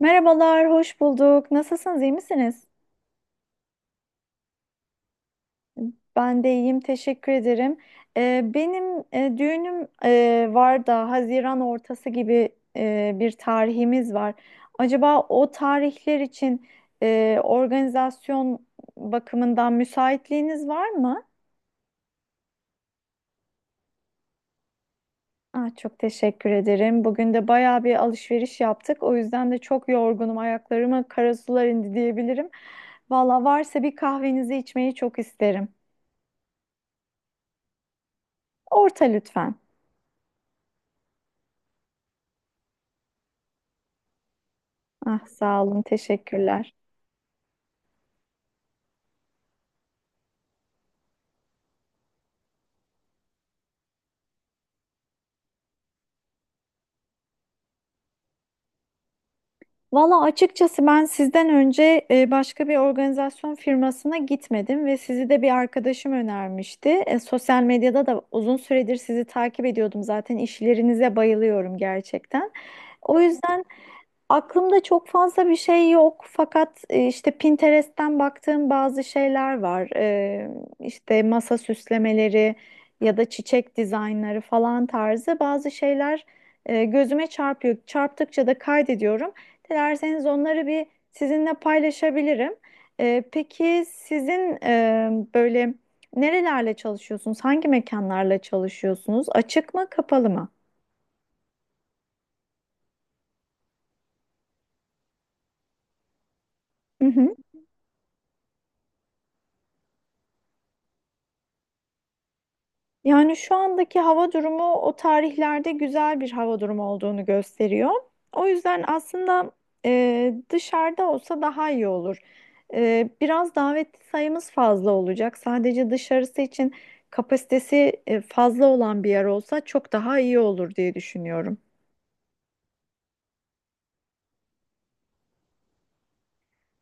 Merhabalar, hoş bulduk. Nasılsınız, iyi misiniz? Ben de iyiyim, teşekkür ederim. Benim düğünüm var da Haziran ortası gibi bir tarihimiz var. Acaba o tarihler için organizasyon bakımından müsaitliğiniz var mı? Ah, çok teşekkür ederim. Bugün de bayağı bir alışveriş yaptık. O yüzden de çok yorgunum. Ayaklarıma karasular indi diyebilirim. Valla varsa bir kahvenizi içmeyi çok isterim. Orta lütfen. Ah sağ olun, teşekkürler. Valla açıkçası ben sizden önce başka bir organizasyon firmasına gitmedim ve sizi de bir arkadaşım önermişti. Sosyal medyada da uzun süredir sizi takip ediyordum, zaten işlerinize bayılıyorum gerçekten. O yüzden. Aklımda çok fazla bir şey yok fakat işte Pinterest'ten baktığım bazı şeyler var. İşte masa süslemeleri ya da çiçek dizaynları falan tarzı bazı şeyler gözüme çarpıyor. Çarptıkça da kaydediyorum. Dilerseniz onları bir sizinle paylaşabilirim. Peki sizin böyle nerelerle çalışıyorsunuz? Hangi mekanlarla çalışıyorsunuz? Açık mı, kapalı mı? Yani şu andaki hava durumu o tarihlerde güzel bir hava durumu olduğunu gösteriyor. O yüzden aslında dışarıda olsa daha iyi olur. Biraz davetli sayımız fazla olacak. Sadece dışarısı için kapasitesi fazla olan bir yer olsa çok daha iyi olur diye düşünüyorum.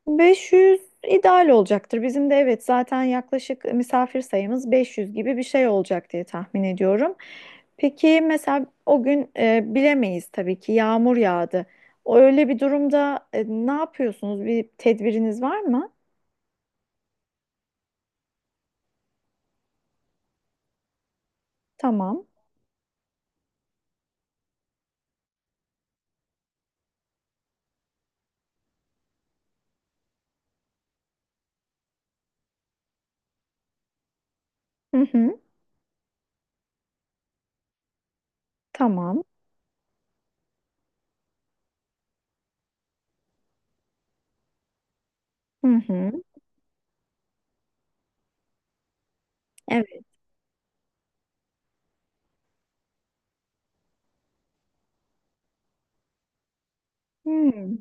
500 ideal olacaktır. Bizim de, evet, zaten yaklaşık misafir sayımız 500 gibi bir şey olacak diye tahmin ediyorum. Peki mesela o gün bilemeyiz tabii ki yağmur yağdı. O öyle bir durumda ne yapıyorsunuz? Bir tedbiriniz var mı? Tamam. Hı hı. Tamam. Hı hı. Evet. Hmm,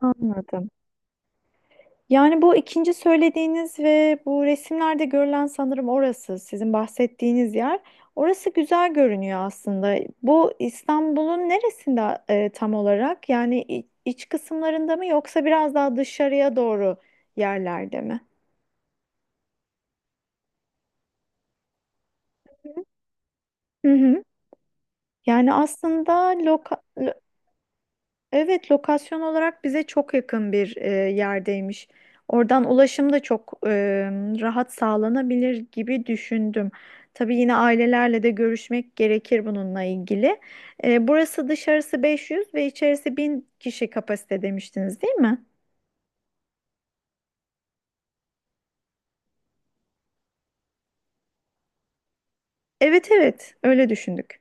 anladım. Yani bu ikinci söylediğiniz ve bu resimlerde görülen sanırım orası sizin bahsettiğiniz yer. Orası güzel görünüyor aslında. Bu İstanbul'un neresinde tam olarak? Yani iç kısımlarında mı yoksa biraz daha dışarıya doğru yerlerde mi? Hı hı. Yani aslında loka. Evet, lokasyon olarak bize çok yakın bir yerdeymiş. Oradan ulaşım da çok rahat sağlanabilir gibi düşündüm. Tabii yine ailelerle de görüşmek gerekir bununla ilgili. E, burası dışarısı 500 ve içerisi 1000 kişi kapasite demiştiniz, değil mi? Evet, evet, öyle düşündük.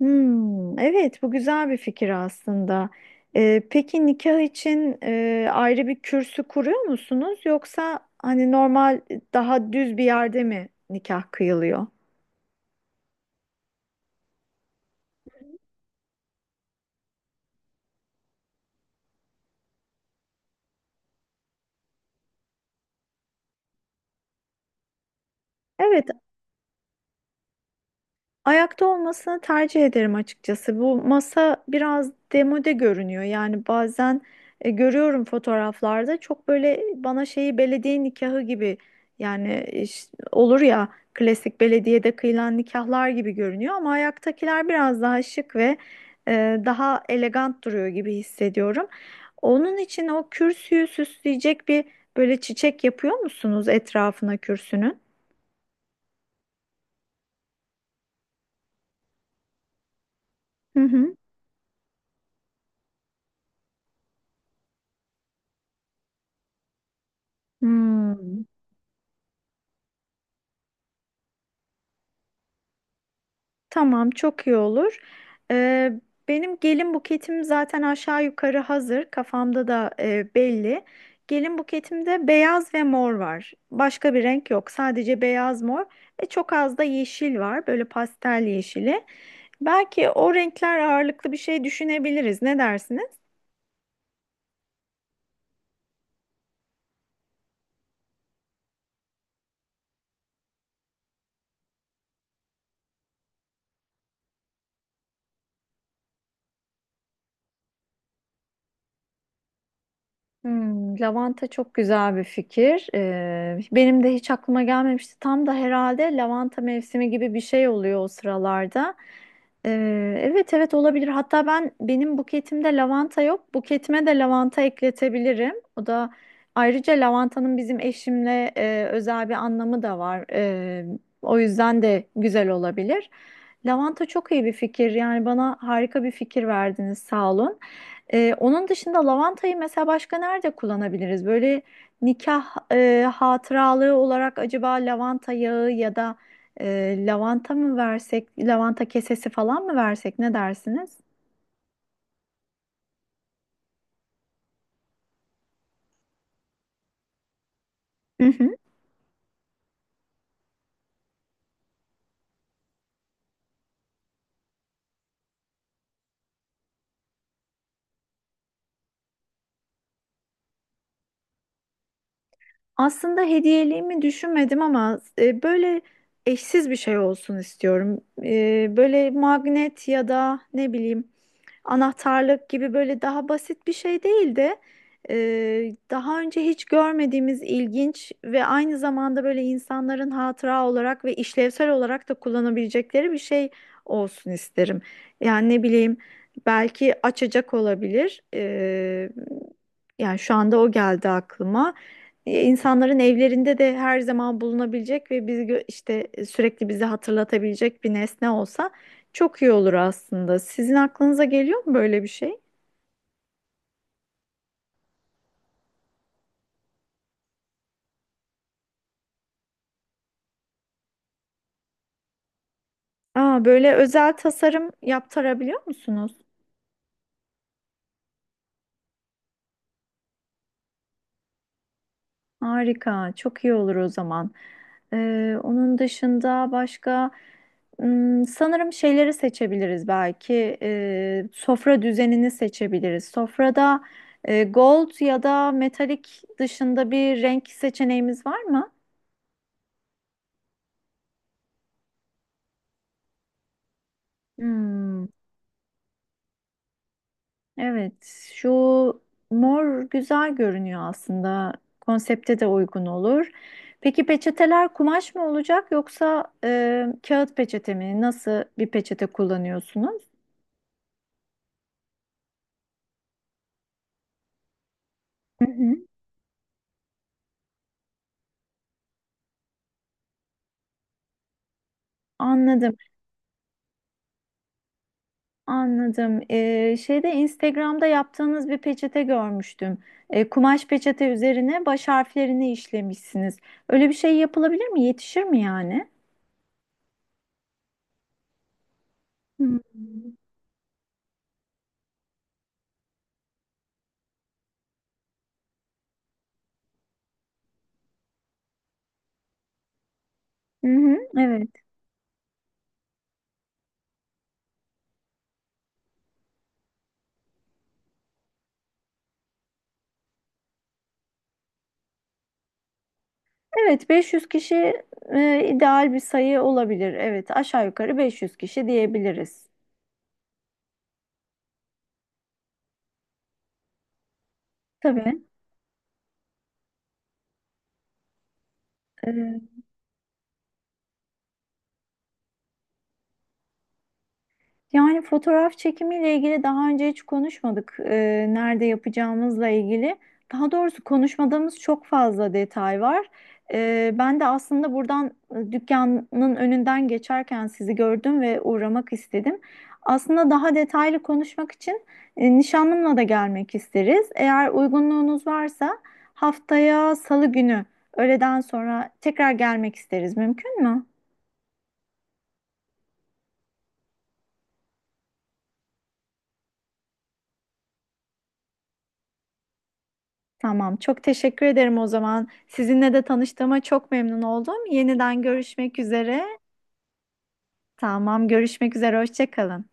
Hmm, evet, bu güzel bir fikir aslında. Peki nikah için ayrı bir kürsü kuruyor musunuz, yoksa hani normal daha düz bir yerde mi nikah kıyılıyor? Evet. Ayakta olmasını tercih ederim açıkçası. Bu masa biraz demode görünüyor. Yani bazen görüyorum fotoğraflarda, çok böyle bana şeyi belediye nikahı gibi, yani olur ya, klasik belediyede kıyılan nikahlar gibi görünüyor, ama ayaktakiler biraz daha şık ve daha elegant duruyor gibi hissediyorum. Onun için o kürsüyü süsleyecek bir böyle çiçek yapıyor musunuz etrafına kürsünün? Hı hı. Hmm. Tamam, çok iyi olur. Ee, Benim gelin buketim zaten aşağı yukarı hazır. Kafamda da belli. Gelin buketimde beyaz ve mor var. Başka bir renk yok. Sadece beyaz, mor ve çok az da yeşil var. Böyle pastel yeşili. Belki o renkler ağırlıklı bir şey düşünebiliriz. Ne dersiniz? Hmm, lavanta çok güzel bir fikir. Benim de hiç aklıma gelmemişti. Tam da herhalde lavanta mevsimi gibi bir şey oluyor o sıralarda. Evet, evet, olabilir. Hatta benim buketimde lavanta yok. Buketime de lavanta ekletebilirim. O da, ayrıca, lavantanın bizim eşimle özel bir anlamı da var. O yüzden de güzel olabilir. Lavanta çok iyi bir fikir. Yani bana harika bir fikir verdiniz. Sağ olun. Onun dışında lavantayı mesela başka nerede kullanabiliriz? Böyle nikah hatıralığı olarak acaba lavanta yağı ya da lavanta mı versek, lavanta kesesi falan mı versek, ne dersiniz? Hı hı. Aslında hediyeliğimi düşünmedim, ama böyle eşsiz bir şey olsun istiyorum. Böyle magnet ya da ne bileyim anahtarlık gibi böyle daha basit bir şey değildi. Daha önce hiç görmediğimiz, ilginç ve aynı zamanda böyle insanların hatıra olarak ve işlevsel olarak da kullanabilecekleri bir şey olsun isterim. Yani ne bileyim, belki açacak olabilir. Yani şu anda o geldi aklıma. İnsanların evlerinde de her zaman bulunabilecek ve biz işte sürekli bizi hatırlatabilecek bir nesne olsa çok iyi olur aslında. Sizin aklınıza geliyor mu böyle bir şey? Aa, böyle özel tasarım yaptırabiliyor musunuz? Harika, çok iyi olur o zaman. Onun dışında başka, sanırım şeyleri seçebiliriz belki. Sofra düzenini seçebiliriz. Sofrada gold ya da metalik dışında bir renk seçeneğimiz var mı? Hmm. Evet, şu mor güzel görünüyor aslında. Konsepte de uygun olur. Peki peçeteler kumaş mı olacak, yoksa kağıt peçete mi? Nasıl bir peçete kullanıyorsunuz? Hı hı. Anladım, anladım. Şeyde Instagram'da yaptığınız bir peçete görmüştüm. Kumaş peçete üzerine baş harflerini işlemişsiniz. Öyle bir şey yapılabilir mi? Yetişir mi yani? Hmm. Hı hı, hı, evet. Evet, 500 kişi ideal bir sayı olabilir. Evet, aşağı yukarı 500 kişi diyebiliriz. Tabii. Yani fotoğraf çekimiyle ilgili daha önce hiç konuşmadık. Nerede yapacağımızla ilgili. Daha doğrusu konuşmadığımız çok fazla detay var. Ben de aslında buradan dükkanın önünden geçerken sizi gördüm ve uğramak istedim. Aslında daha detaylı konuşmak için nişanlımla da gelmek isteriz. Eğer uygunluğunuz varsa haftaya Salı günü öğleden sonra tekrar gelmek isteriz. Mümkün mü? Tamam, çok teşekkür ederim o zaman. Sizinle de tanıştığıma çok memnun oldum. Yeniden görüşmek üzere. Tamam, görüşmek üzere. Hoşça kalın.